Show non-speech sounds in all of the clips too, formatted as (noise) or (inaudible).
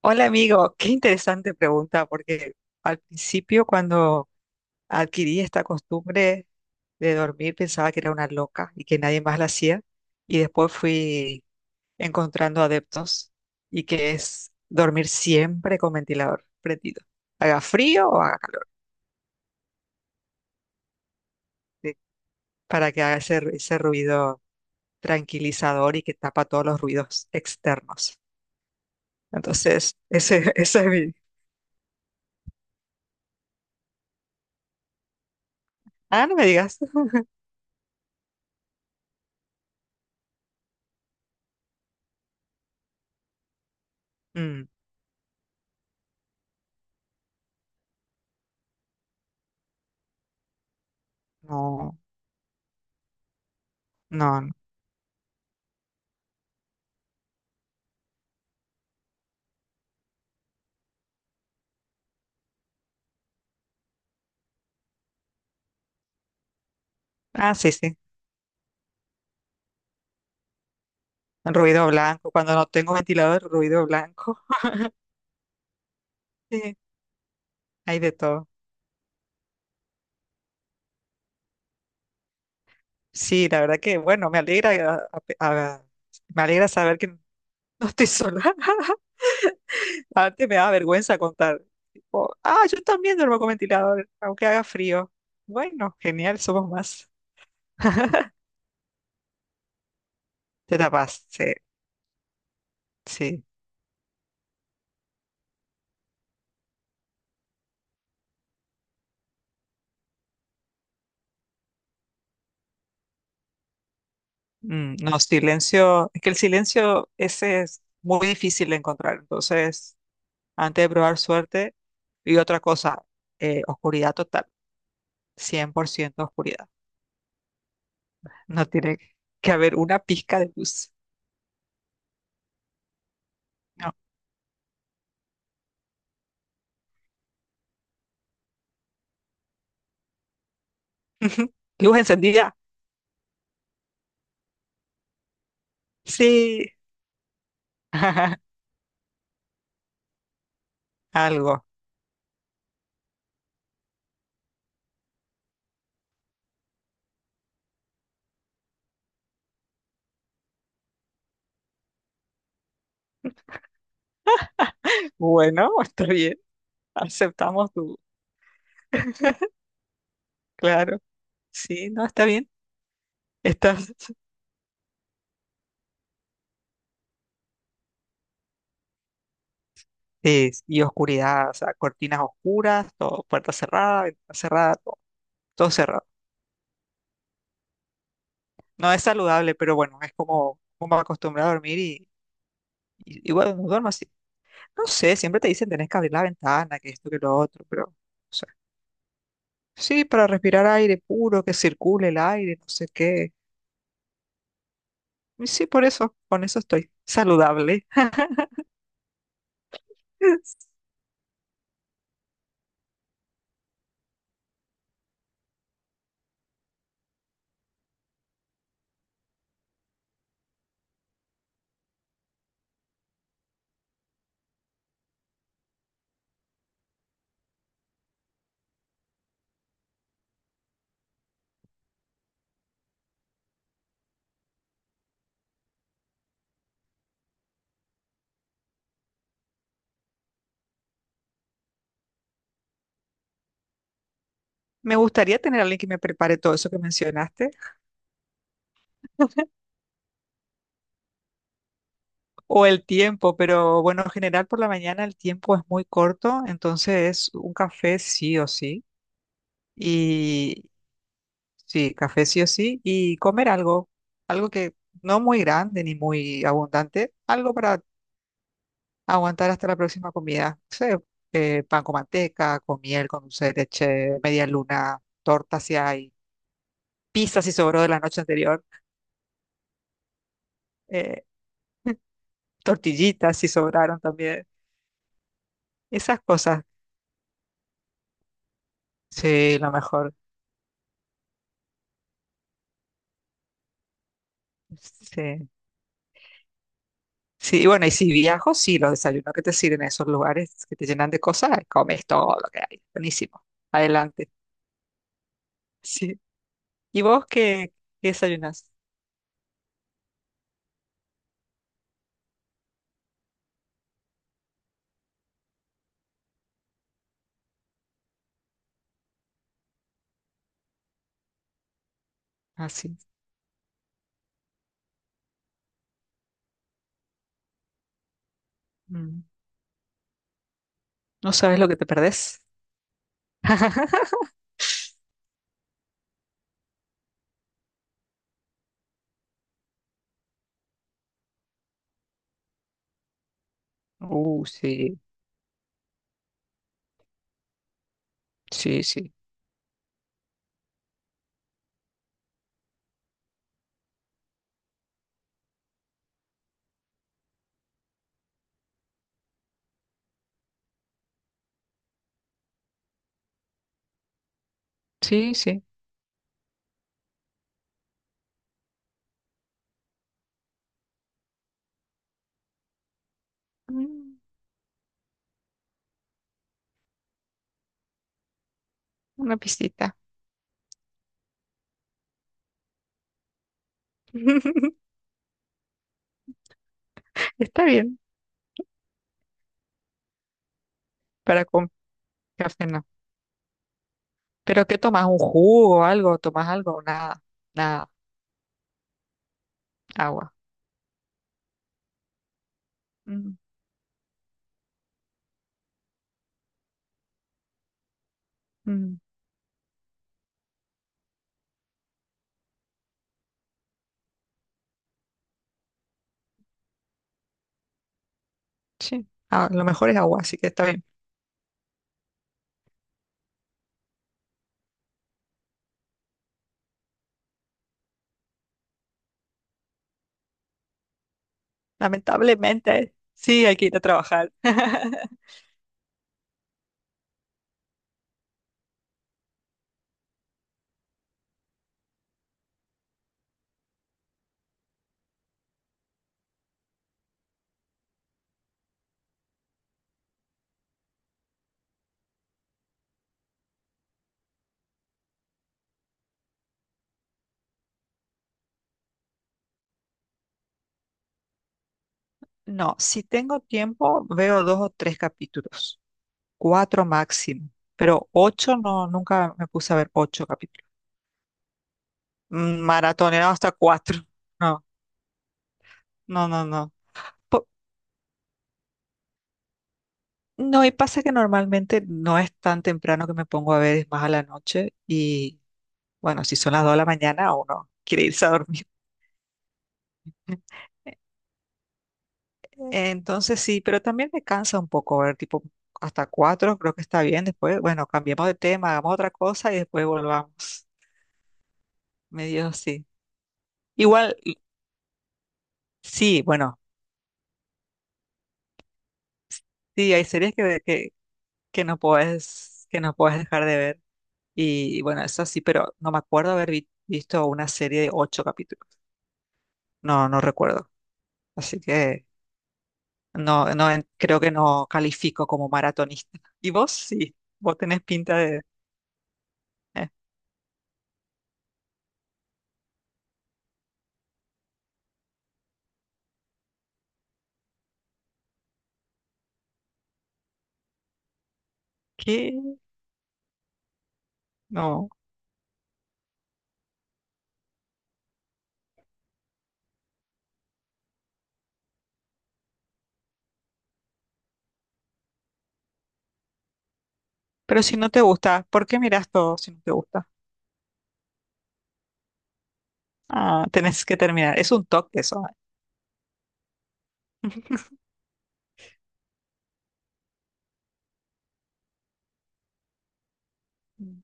Hola amigo, qué interesante pregunta, porque al principio cuando adquirí esta costumbre de dormir pensaba que era una loca y que nadie más la hacía, y después fui encontrando adeptos y que es dormir siempre con ventilador prendido, haga frío o haga calor, ¿sí? Para que haga ese ruido tranquilizador y que tapa todos los ruidos externos. Entonces, (laughs) ese es mi... Ah, no me digas. Mm, no, no, no. Ah, sí, sí. Ruido blanco, cuando no tengo ventilador, ruido blanco. (laughs) Sí, hay de todo. Sí, la verdad que, bueno, me alegra, a- a- me alegra saber que (laughs) no estoy sola. (laughs) Antes me daba vergüenza contar, tipo, ah, yo también duermo con ventilador, aunque haga frío. Bueno, genial, somos más. (laughs) Te tapas, sí, sí. Mm, no, silencio, es que el silencio ese es muy difícil de encontrar. Entonces, antes de probar suerte, y otra cosa, oscuridad total. 100% oscuridad. No tiene que haber una pizca de luz. No. (laughs) Luz encendida. Sí. (laughs) Algo. Bueno, está bien. Aceptamos tu. (laughs) Claro. Sí, no, está bien. Estás. (laughs) Sí, y oscuridad, o sea, cortinas oscuras, todo, puerta cerrada, ventana cerrada, todo, todo cerrado. No es saludable, pero bueno, es como, como acostumbrado a dormir y bueno, no duermo así. No sé, siempre te dicen tenés que abrir la ventana, que esto, que lo otro, pero sí, para respirar aire puro, que circule el aire, no sé qué. Y sí, por eso, con eso estoy saludable. (laughs) Me gustaría tener a alguien que me prepare todo eso que mencionaste, o el tiempo, pero bueno, en general por la mañana el tiempo es muy corto, entonces un café sí o sí, y sí, café sí o sí, y comer algo, algo que no muy grande ni muy abundante, algo para aguantar hasta la próxima comida. No sé, pan con manteca, con miel, con dulce de leche, media luna, torta si hay, pizza si sobró de la noche anterior, eh, (laughs) tortillitas si sobraron también. Esas cosas, sí, lo mejor. Sí. Sí, y bueno, y si viajo, sí, los desayunos que te sirven en esos lugares que te llenan de cosas, comes todo lo que hay. Buenísimo. Adelante. (laughs) Sí. ¿Y vos qué desayunas? Así. No sabes lo que te perdés. (laughs) Sí. Sí, sí, sí, sí. Mm, Una pistita. (laughs) Está bien, para con café no. ¿Pero qué tomas? ¿Un jugo o algo? ¿Tomas algo? Nada, nada, agua. Mm, mm, sí, a lo mejor es agua, así que está bien. Lamentablemente, sí, hay que ir a trabajar. (laughs) No, si tengo tiempo, veo dos o tres capítulos, cuatro máximo, pero ocho no, nunca me puse a ver ocho capítulos. Maratoneado hasta cuatro. No, no, no, no. No, y pasa que normalmente no es tan temprano que me pongo a ver, es más a la noche. Y bueno, si son las 2 de la mañana, uno quiere irse a dormir. (laughs) Entonces sí, pero también me cansa un poco ver, tipo, hasta 4 creo que está bien. Después, bueno, cambiemos de tema, hagamos otra cosa y después volvamos. Medio sí. Igual, sí, bueno, sí, hay series que no puedes dejar de ver. Y bueno, eso sí, pero no me acuerdo haber visto una serie de ocho capítulos. No, no recuerdo. Así que no, no, creo que no califico como maratonista. Y vos sí, vos tenés pinta de... eh, ¿Qué? No. Pero si no te gusta, ¿por qué mirás todo si no te gusta? Ah, tenés que terminar. Es un toque eso. Mm.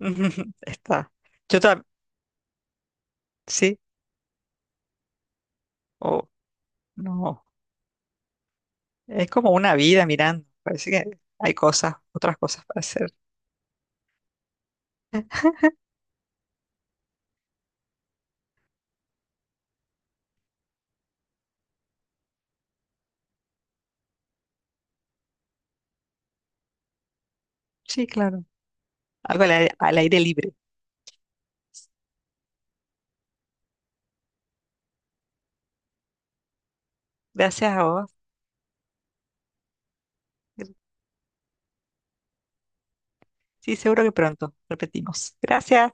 (laughs) Está. Yo también, sí, o no. Es como una vida mirando. Parece que hay cosas, otras cosas para hacer. Sí, claro. Algo al aire libre. Gracias a vos. Sí, seguro que pronto repetimos. Gracias.